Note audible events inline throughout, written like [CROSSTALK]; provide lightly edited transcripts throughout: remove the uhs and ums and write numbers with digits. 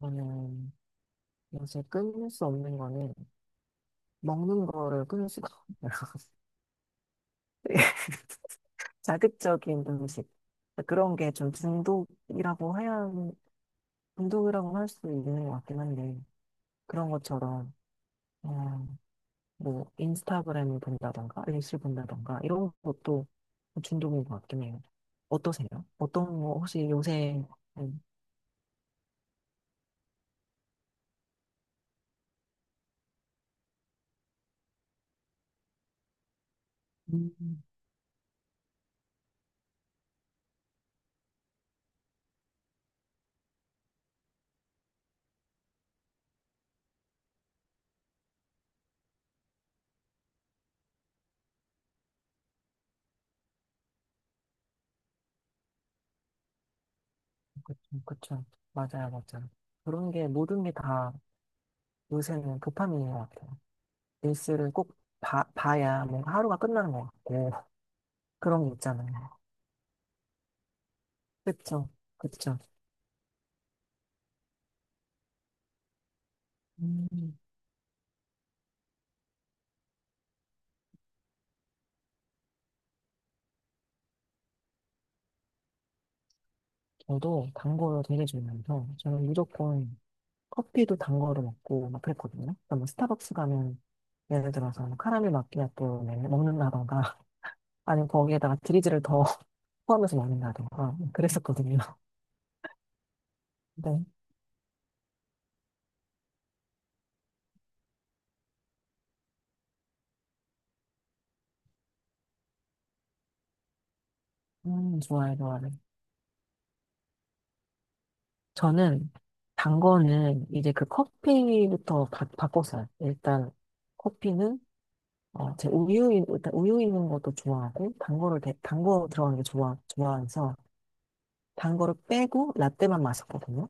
저는 요새 끊을 수 없는 거는 먹는 거를 끊을 수가 없어요. [LAUGHS] 자극적인 음식. 그런 게 좀 중독이라고 할 수 있는 것 같긴 한데, 그런 것처럼, 어, 뭐, 인스타그램을 본다던가, 릴스 본다던가, 이런 것도 중독인 것 같긴 해요. 어떠세요? 어떤 거, 혹시 요새? 음. 음. 그쵸, 그쵸. 맞아요, 맞아요. 그런 게 모든 게 다 요새는 도파민인 것 같아요. 뉴스를 꼭 봐야 뭔가 하루가 끝나는 것 같고 그런 게 있잖아요. 그쵸, 그쵸. 음, 저도 단 거를 되게 좋아해서 저는 무조건 커피도 단 거를 먹고 막 그랬거든요. 그러니까 뭐 스타벅스 가면 예를 들어서 뭐 카라멜 마키아또 먹는다던가 [LAUGHS] 아니면 거기에다가 드리즈를 더 [LAUGHS] 포함해서 먹는다던가 뭐 그랬었거든요. 네. 좋아요, 좋아요. 저는 단 거는 이제 그 커피부터 꿨어요 일단. 커피는 제 우유, 일단 우유 있는 것도 좋아하고, 단 거를, 단 거 들어가는 게 좋아해서, 단 거를 빼고, 라떼만 마셨거든요.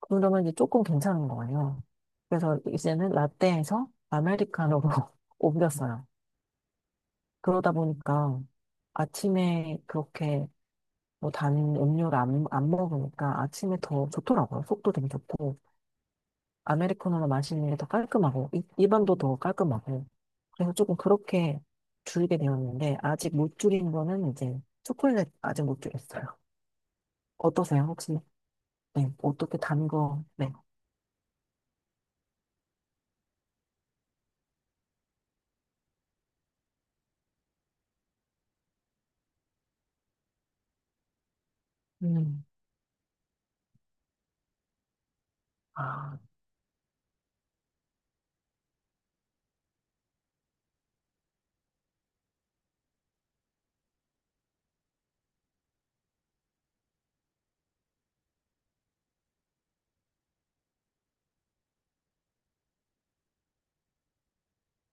그러면 이제 조금 괜찮은 거예요. 그래서 이제는 라떼에서 아메리카노로 [LAUGHS] 옮겼어요. 그러다 보니까 아침에 그렇게 뭐 단 음료를 안 먹으니까 아침에 더 좋더라고요. 속도 되게 좋고. 아메리카노를 마시는 게 더 깔끔하고, 입안도 더 깔끔하고. 그래서 조금 그렇게 줄이게 되었는데, 아직 못 줄인 거는 이제 초콜릿 아직 못 줄였어요. 어떠세요, 혹시? 네, 어떻게 단 거, 네. 음, 아,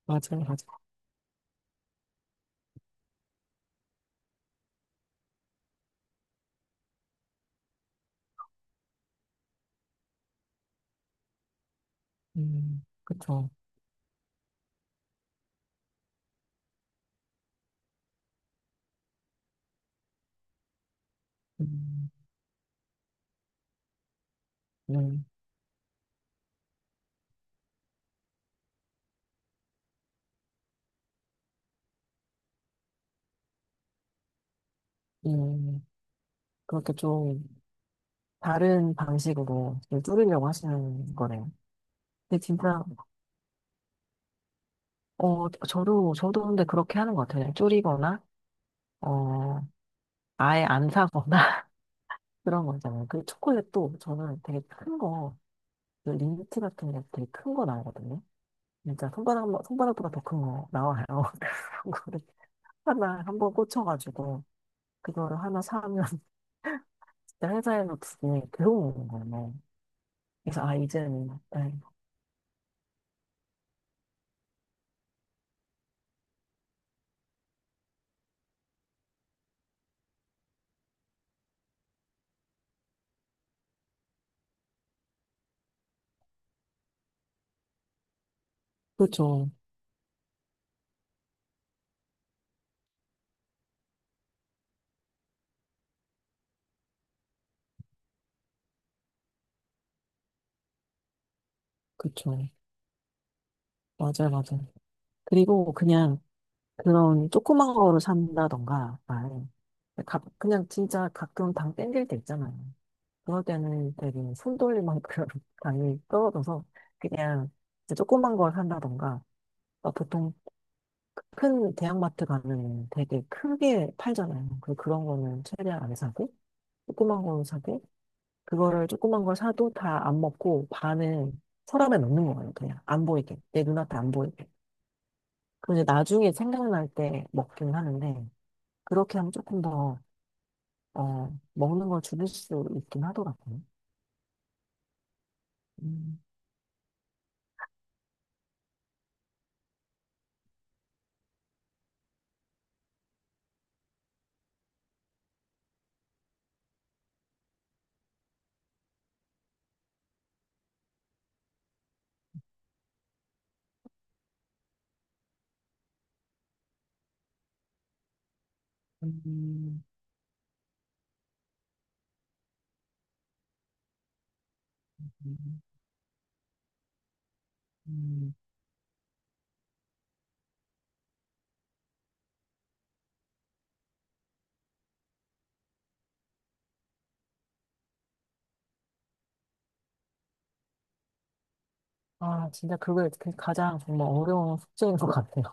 맞아요, 맞아요. 그쵸. 음, 음, 음, 그렇게 좀 다른 방식으로 좀 줄이려고 하시는 거네요. 근데 진짜, 저도 근데 그렇게 하는 것 같아요. 그냥 줄이거나, 어, 아예 안 사거나, 그런 거 있잖아요. 그 초콜릿도 저는 되게 큰 거, 그 린트 같은 게 되게 큰 거 나오거든요. 진짜 손바닥보다 더 큰 거 나와요. [LAUGHS] 그런 거를 한번 꽂혀가지고, 그거를 하나 사면 [LAUGHS] 진짜 회사에서 되게 괴로 먹는 거예요. 그래서, 이제는, 네. 그렇죠. 그렇죠. 맞아요, 맞아요. 그리고 그냥 그런 조그만 거를 산다던가, 그냥 진짜 가끔 당 땡길 때 있잖아요. 그럴 때는 되게 손 돌릴 만큼 [LAUGHS] 당이 떨어져서 그냥 이제 조그만 걸 산다던가 막 보통 큰 대형마트 가면 되게 크게 팔잖아요. 그런 거는 최대한 안 사고 조그만 걸로 사고 그거를 조그만 걸 사도 다 안 먹고 반은 서랍에 넣는 거예요. 그냥 안 보이게 내 눈앞에 안 보이게. 그리고 이제 나중에 생각날 때 먹긴 하는데 그렇게 하면 조금 더 먹는 걸 줄일 수 있긴 하더라고요. 음. 음. 음. 음. 진짜 그게 그 가장 정말 어려운 숙제인 것 같아요.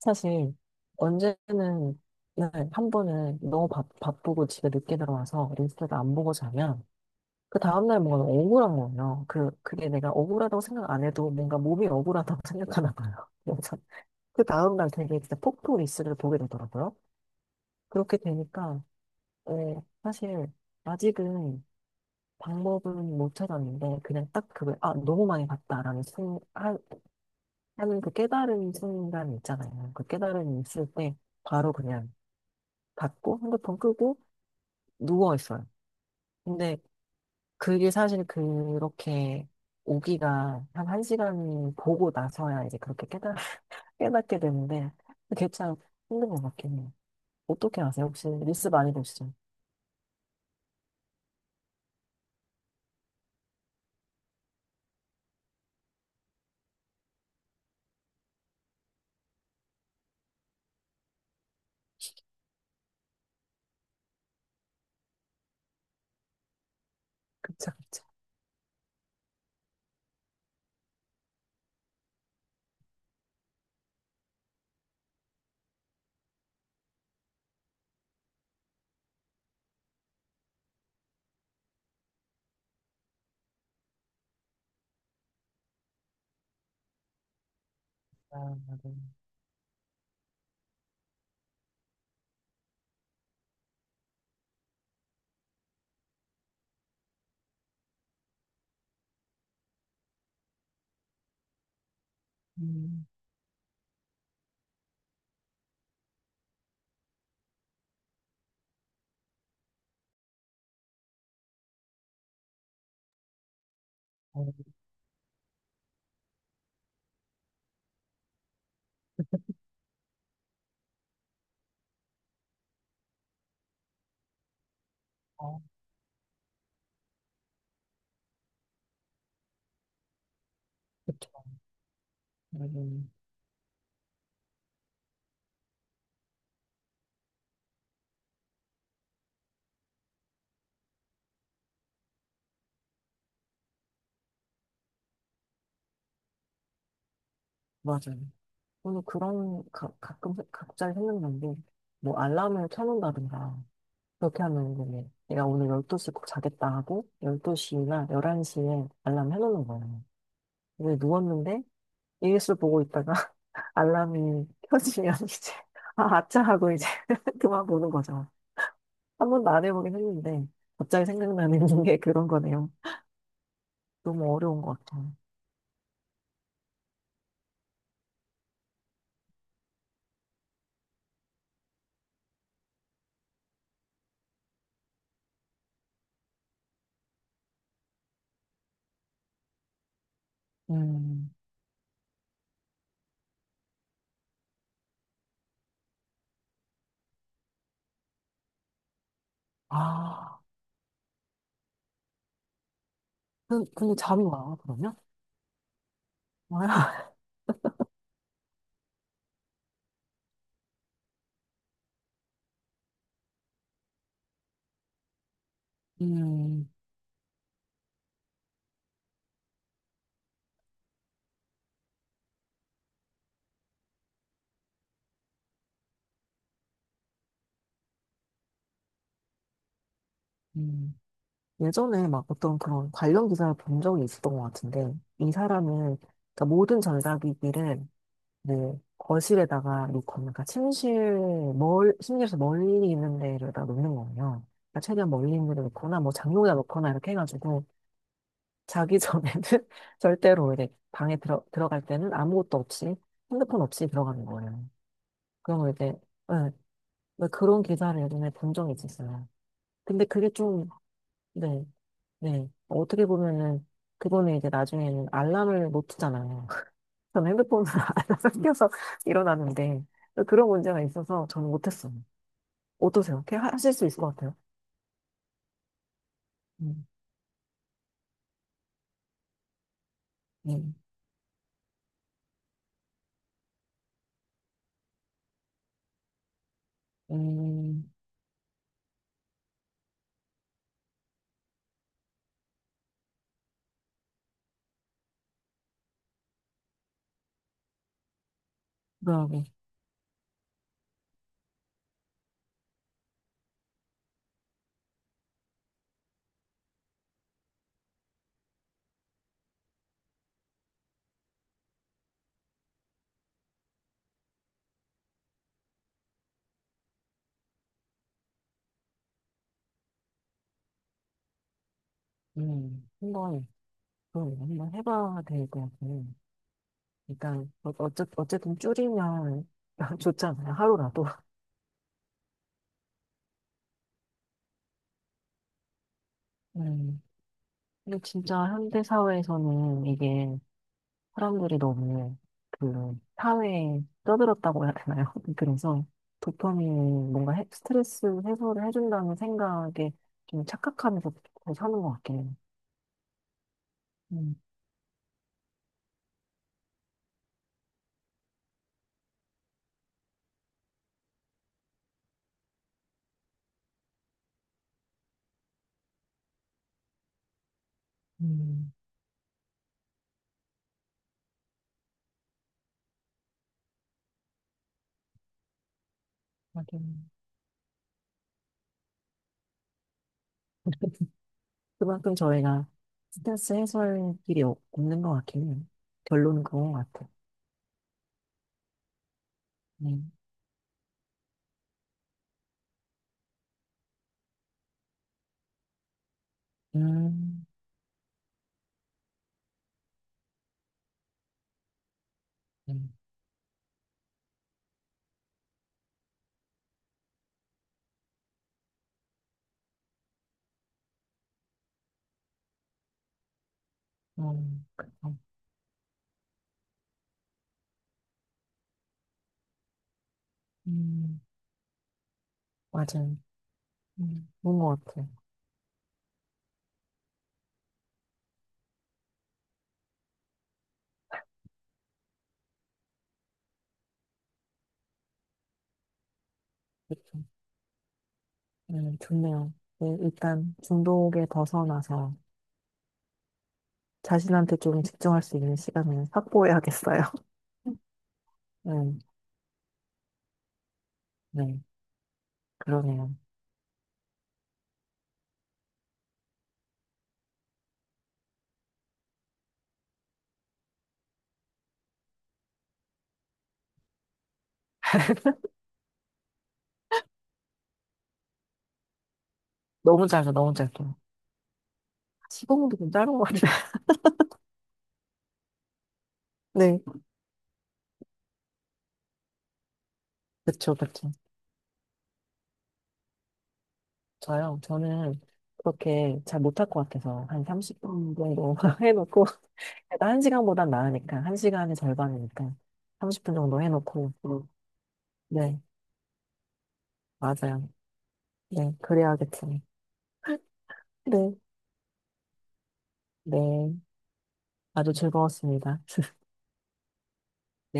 사실, 언제는, 네, 한 번은 너무 바쁘고 집에 늦게 들어와서 리스를 안 보고 자면, 그 다음날 뭔가 너무 억울한 거예요. 그게 내가 억울하다고 생각 안 해도 뭔가 몸이 억울하다고 [LAUGHS] 생각하나 봐요. 그래서 그 다음날 되게 진짜 폭포 리스를 보게 되더라고요. 그렇게 되니까, 사실, 아직은 방법은 못 찾았는데, 그냥 딱 그걸, 너무 많이 봤다라는 하는 그 깨달은 순간 있잖아요. 그 깨달음이 있을 때 바로 그냥 닫고 핸드폰 끄고 누워 있어요. 근데 그게 사실 그렇게 오기가 한 한 시간 보고 나서야 이제 그렇게 [LAUGHS] 깨닫게 되는데 그게 참 힘든 것 같긴 해요. 어떻게 아세요? 혹시 뉴스 많이 보시죠? 그쵸, 그쵸. 아, 맞아요. 음, 어, 어, 그쵸. 음, 맞아요. 오늘 그런 가끔 갑자기 생각난 게 뭐 알람을 켜놓는다든가 그렇게 하면 되네. 내가 오늘 12시 꼭 자겠다 하고, 12시나 11시에 알람 해놓는 거예요. 근데 누웠는데, 일기수 보고 있다가 [LAUGHS] 알람이 켜지면 [LAUGHS] 이제, 아차 하고 이제 [LAUGHS] 그만 보는 거죠. 한 번도 안 해보긴 했는데, 갑자기 생각나는 [LAUGHS] 게 그런 거네요. 너무 어려운 것 같아요. 음, 아, 근데 잠이 와, 그러면? 와요? [LAUGHS] 음. 음. 예전에 막 어떤 그런 관련 기사를 본 적이 있었던 것 같은데, 이 사람은, 그러니까 모든 전자기기를 뭐 거실에다가 놓고, 그러니까 침실에서 멀리 있는 데에다 놓는 거예요. 그러니까 최대한 멀리 있는 데 놓거나, 뭐 장롱에다 놓거나 이렇게 해가지고, 자기 전에는 [LAUGHS] 절대로 이제 방에 들어갈 때는 아무것도 없이, 핸드폰 없이 들어가는 거예요. 그런 거 이제, 네, 그런 기사를 예전에 본 적이 있었어요. 근데 그게 좀, 네. 네. 어떻게 보면은 그분은 이제 나중에는 알람을 못 트잖아요. [LAUGHS] 저는 핸드폰으로 [LAUGHS] 알람을 켜서 일어나는데 그런 문제가 있어서 저는 못했어요. 어떠세요? 이렇게 하실 수 있을 것 같아요. 음, 네. 음, 그러게. 음, 한번, 그럼 한번 해봐야 될 것 같아요. 일단, 어쨌든 줄이면 [LAUGHS] 좋잖아요. 하루라도. 음, 근데 진짜 현대사회에서는 이게 사람들이 너무 그 사회에 떠들었다고 해야 되나요? [LAUGHS] 그래서 도파민이 뭔가 스트레스 해소를 해준다는 생각에 좀 착각하면서 잘 사는 것 같긴 해요. 음, 음, 하긴. 그만큼 저희가 스트레스 해소할 길이 없는 것 같긴 해요. 결론은 그건 것 같아요. 네. 음, 네. 그쵸. 음, 맞아요. 좋은 것 같아요. 그쵸. 좋네요. 네, 일단 중독에 벗어나서 자신한테 좀 집중할 수 있는 시간을 확보해야겠어요. [LAUGHS] 네, 네, 그러네요. [LAUGHS] 너무 짧아, 너무 짧아. 시공분도 좀 짧은 것 같아요. [LAUGHS] 네, 그쵸, 그쵸. 저요, 저는 그렇게 잘 못할 것 같아서 한 30분 정도 [LAUGHS] 해놓고, 그래도 한시간보단 나으니까, 한시간의 절반이니까 30분 정도 해놓고, 네, 맞아요. 네, 그래야겠죠. 네, 네, 아주 즐거웠습니다. [LAUGHS] 네.